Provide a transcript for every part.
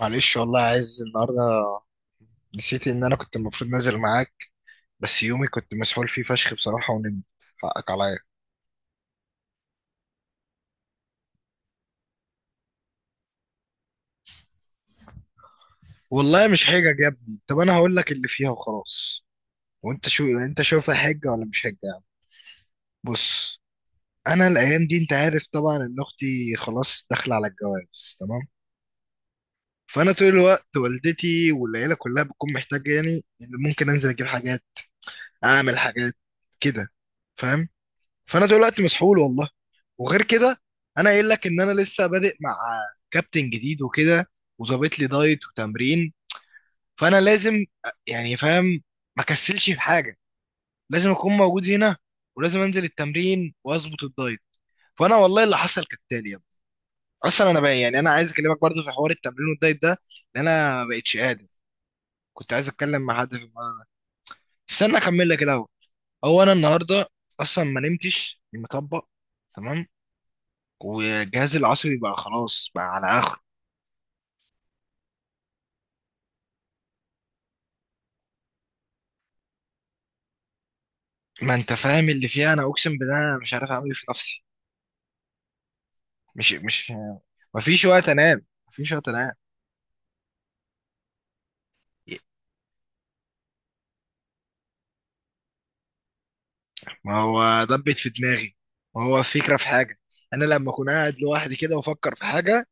معلش، والله عايز النهارده نسيت ان انا كنت المفروض نازل معاك، بس يومي كنت مسحول فيه فشخ بصراحه ونمت. حقك عليا. والله مش حجج يا ابني، طب انا هقول لك اللي فيها وخلاص. وانت شو انت شايفها حجه ولا مش حجه يعني؟ بص، انا الايام دي انت عارف طبعا ان اختي خلاص داخله على الجواز، تمام. فانا طول الوقت والدتي والعيله كلها بتكون محتاجه، يعني ان ممكن انزل اجيب حاجات، اعمل حاجات كده، فاهم. فانا طول الوقت مسحول والله. وغير كده، انا قايل لك ان انا لسه بادئ مع كابتن جديد وكده، وظابط لي دايت وتمرين. فانا لازم يعني فاهم، ما كسلش في حاجه، لازم اكون موجود هنا ولازم انزل التمرين واظبط الدايت. فانا والله اللي حصل كالتالي يا ابني. اصلا انا بقى يعني انا عايز اكلمك برضه في حوار التمرين والدايت ده، لان انا ما بقتش قادر. كنت عايز اتكلم مع حد في الموضوع ده. استنى اكمل لك الاول. هو انا النهارده اصلا ما نمتش مطبق، تمام. والجهاز العصبي بقى خلاص بقى على اخره. ما انت فاهم اللي فيها، انا اقسم بالله انا مش عارف اعمل ايه في نفسي. مش ما فيش وقت انام، ما فيش وقت انام. ما هو دبت في دماغي، ما هو فكرة في حاجة. انا لما اكون قاعد لوحدي كده وافكر في حاجة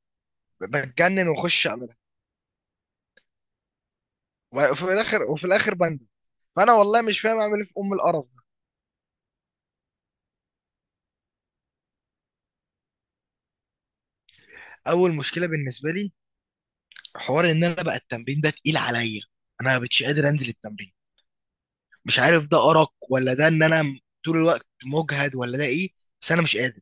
بتجنن واخش اعملها، وفي الاخر بندم. فانا والله مش فاهم اعمل ايه في ام القرف ده. اول مشكلة بالنسبة لي حوار ان انا بقى التمرين ده تقيل عليا، انا مش قادر انزل التمرين. مش عارف ده ارق ولا ده ان انا طول الوقت مجهد ولا ده ايه، بس انا مش قادر.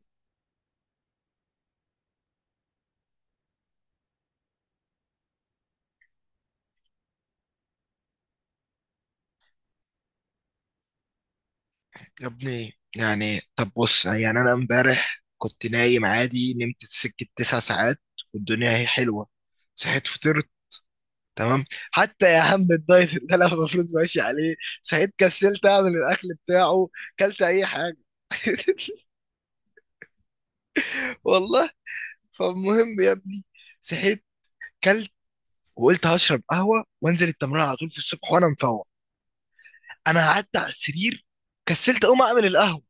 يا ابني يعني طب بص، يعني انا امبارح كنت نايم عادي، نمت سكة 9 ساعات والدنيا هي حلوة. صحيت فطرت، تمام. حتى يا عم الدايت اللي انا المفروض ماشي عليه، صحيت كسلت اعمل الاكل بتاعه، كلت اي حاجة. والله. فالمهم يا ابني، صحيت كلت وقلت هشرب قهوة وانزل التمرين على طول في الصبح وانا مفوق. انا قعدت على السرير، كسلت اقوم اعمل القهوة.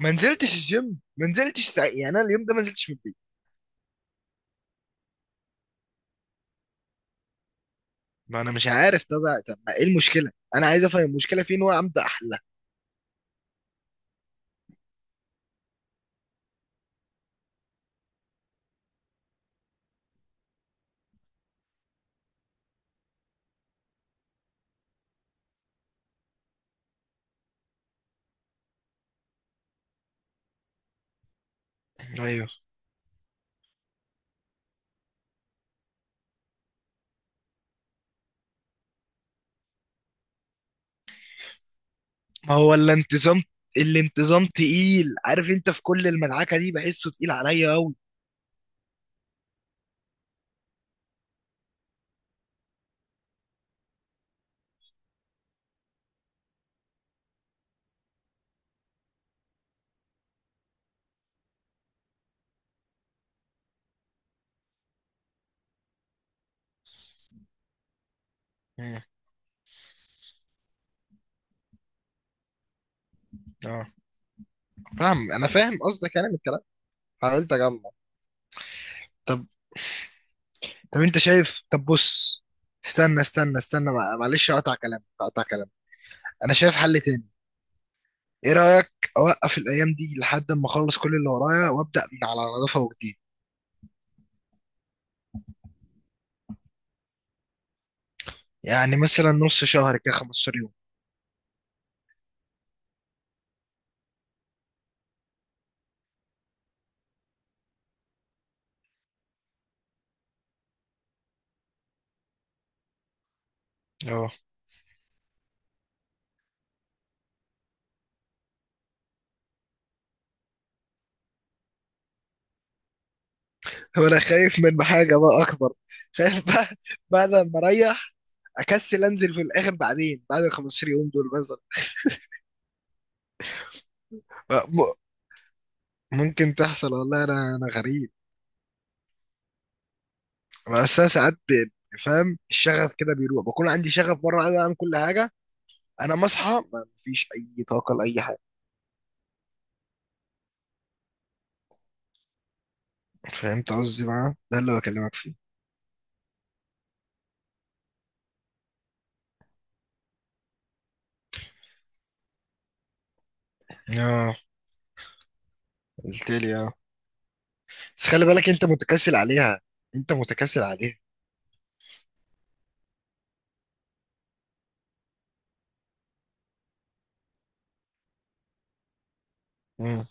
ما نزلتش الجيم، ما نزلتش ساعة، يعني انا اليوم ده ما نزلتش من البيت. ما انا مش عارف ده بقى، طب ما ايه المشكله؟ انا عايز افهم المشكله فين وابدا احلها. ايوه. ما هو ولا انتظام، الانتظام تقيل، عارف انت في كل المدعكه دي بحسه تقيل عليا قوي. مم. اه، فاهم، انا فاهم قصدك يعني من الكلام، حاولت اجمع. طب طب انت شايف، طب بص، استنى استنى استنى، معلش اقطع كلامك اقطع كلامك. انا شايف حل تاني. ايه رايك اوقف الايام دي لحد ما اخلص كل اللي ورايا وابدا من على نظافه وجديد؟ يعني مثلا نص شهر كده، 15 يوم. اه. وانا خايف من حاجه بقى اكبر. خايف بقى بعد ما اريح اكسل انزل في الاخر بعدين بعد ال 15 يوم دول مثلا. م- ممكن تحصل والله، انا غريب. بس انا ساعات فاهم، الشغف كده بيروح، بكون عندي شغف مره عايز اعمل كل حاجه، انا مصحى ما فيش اي طاقه لاي حاجه. فهمت قصدي؟ بقى ده اللي بكلمك فيه. اه. قلت لي اه. بس خلي بالك انت متكاسل عليها، انت متكاسل عليها. امم.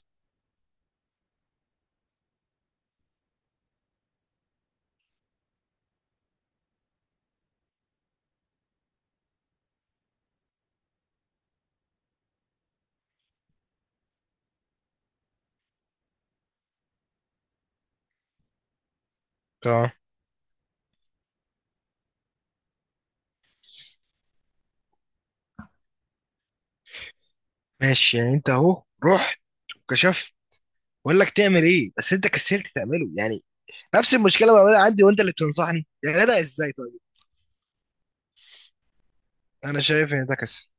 اه ماشي، يعني انت اهو رحت وكشفت، بقول لك تعمل ايه بس انت كسلت تعمله يعني. نفس المشكله بعملها عندي وانت اللي بتنصحني يا جدع، ازاي طيب؟ انا شايف ان ده كسل.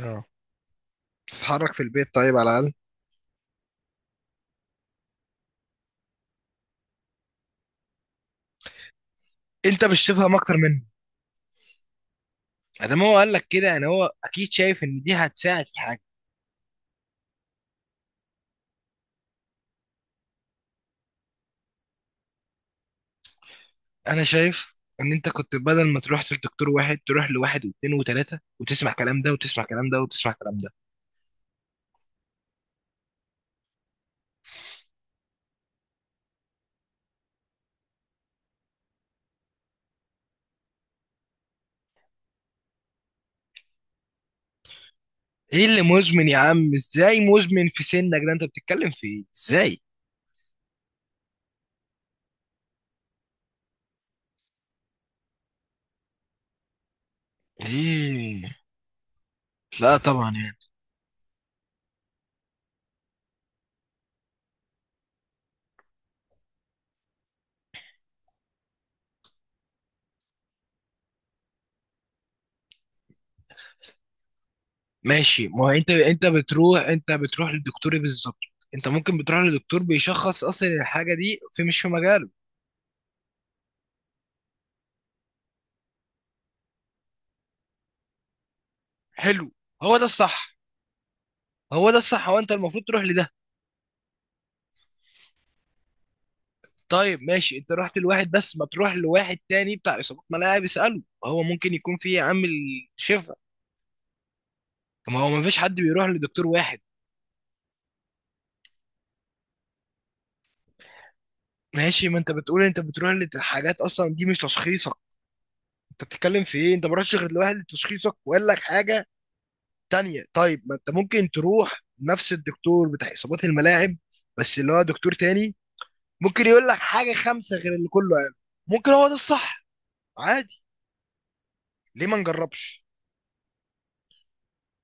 اه. تتحرك في البيت طيب على الاقل. انت مش تفهم اكتر منه، ادام هو قال لك كده يعني هو اكيد شايف ان دي هتساعد في حاجه. انا شايف ان انت كنت بدل ما تروح لدكتور واحد، تروح لواحد واثنين وثلاثه، وتسمع كلام ده وتسمع كلام ده وتسمع كلام ده. ايه اللي مزمن يا عم؟ ازاي مزمن في سنك ده؟ انت بتتكلم في ايه ازاي؟ ايه؟ لا طبعا يعني. ماشي، ما هو انت بتروح للدكتور إيه بالظبط؟ انت ممكن بتروح للدكتور بيشخص اصلا الحاجه دي في، مش في مجاله. حلو. هو ده الصح، هو ده الصح، هو انت المفروض تروح لده. طيب ماشي، انت رحت لواحد، بس ما تروح لواحد تاني بتاع اصابات ملاعب اساله، هو ممكن يكون فيه عامل شفا. ما هو ما فيش حد بيروح لدكتور واحد. ماشي، ما انت بتقول انت بتروح لحاجات اصلا دي مش تشخيصك، انت بتتكلم في ايه؟ انت ما رحتش غير لواحد لتشخيصك وقال لك حاجه تانية. طيب، ما انت ممكن تروح نفس الدكتور بتاع اصابات الملاعب، بس اللي هو دكتور تاني، ممكن يقول لك حاجه خمسه غير اللي كله قاله. ممكن هو ده الصح، عادي. ليه ما نجربش؟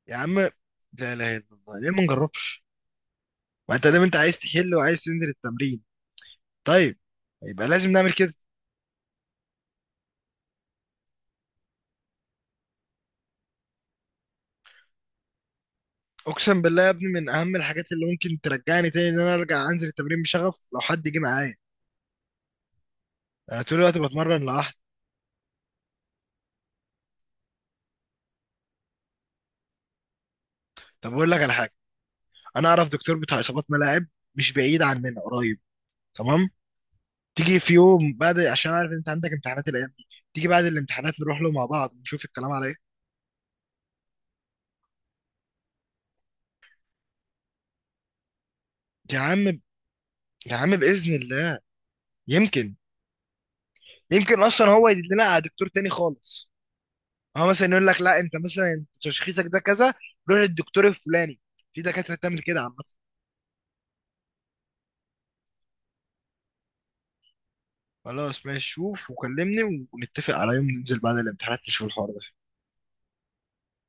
يا عم، لا اله الا الله، ليه ما نجربش؟ ما انت دايما انت عايز تحل وعايز تنزل التمرين، طيب، يبقى لازم نعمل كده. اقسم بالله يا ابني، من اهم الحاجات اللي ممكن ترجعني تاني ان انا ارجع انزل التمرين بشغف، لو حد جه معايا. انا طول الوقت بتمرن لوحدي. طب اقول لك على حاجه، انا اعرف دكتور بتاع اصابات ملاعب، مش بعيد عننا، قريب، تمام. تيجي في يوم بعد، عشان عارف ان انت عندك امتحانات الايام دي، تيجي بعد الامتحانات نروح له مع بعض نشوف الكلام على ايه. يا عم، يا عم باذن الله، يمكن يمكن اصلا هو يدلنا لنا على دكتور تاني خالص. هو مثلا يقول لك لا، انت مثلا انت تشخيصك ده كذا، روح للدكتور الفلاني. في دكاتره بتعمل كده عامه. خلاص ماشي، شوف وكلمني ونتفق على يوم ننزل بعد الامتحانات نشوف الحوار ده.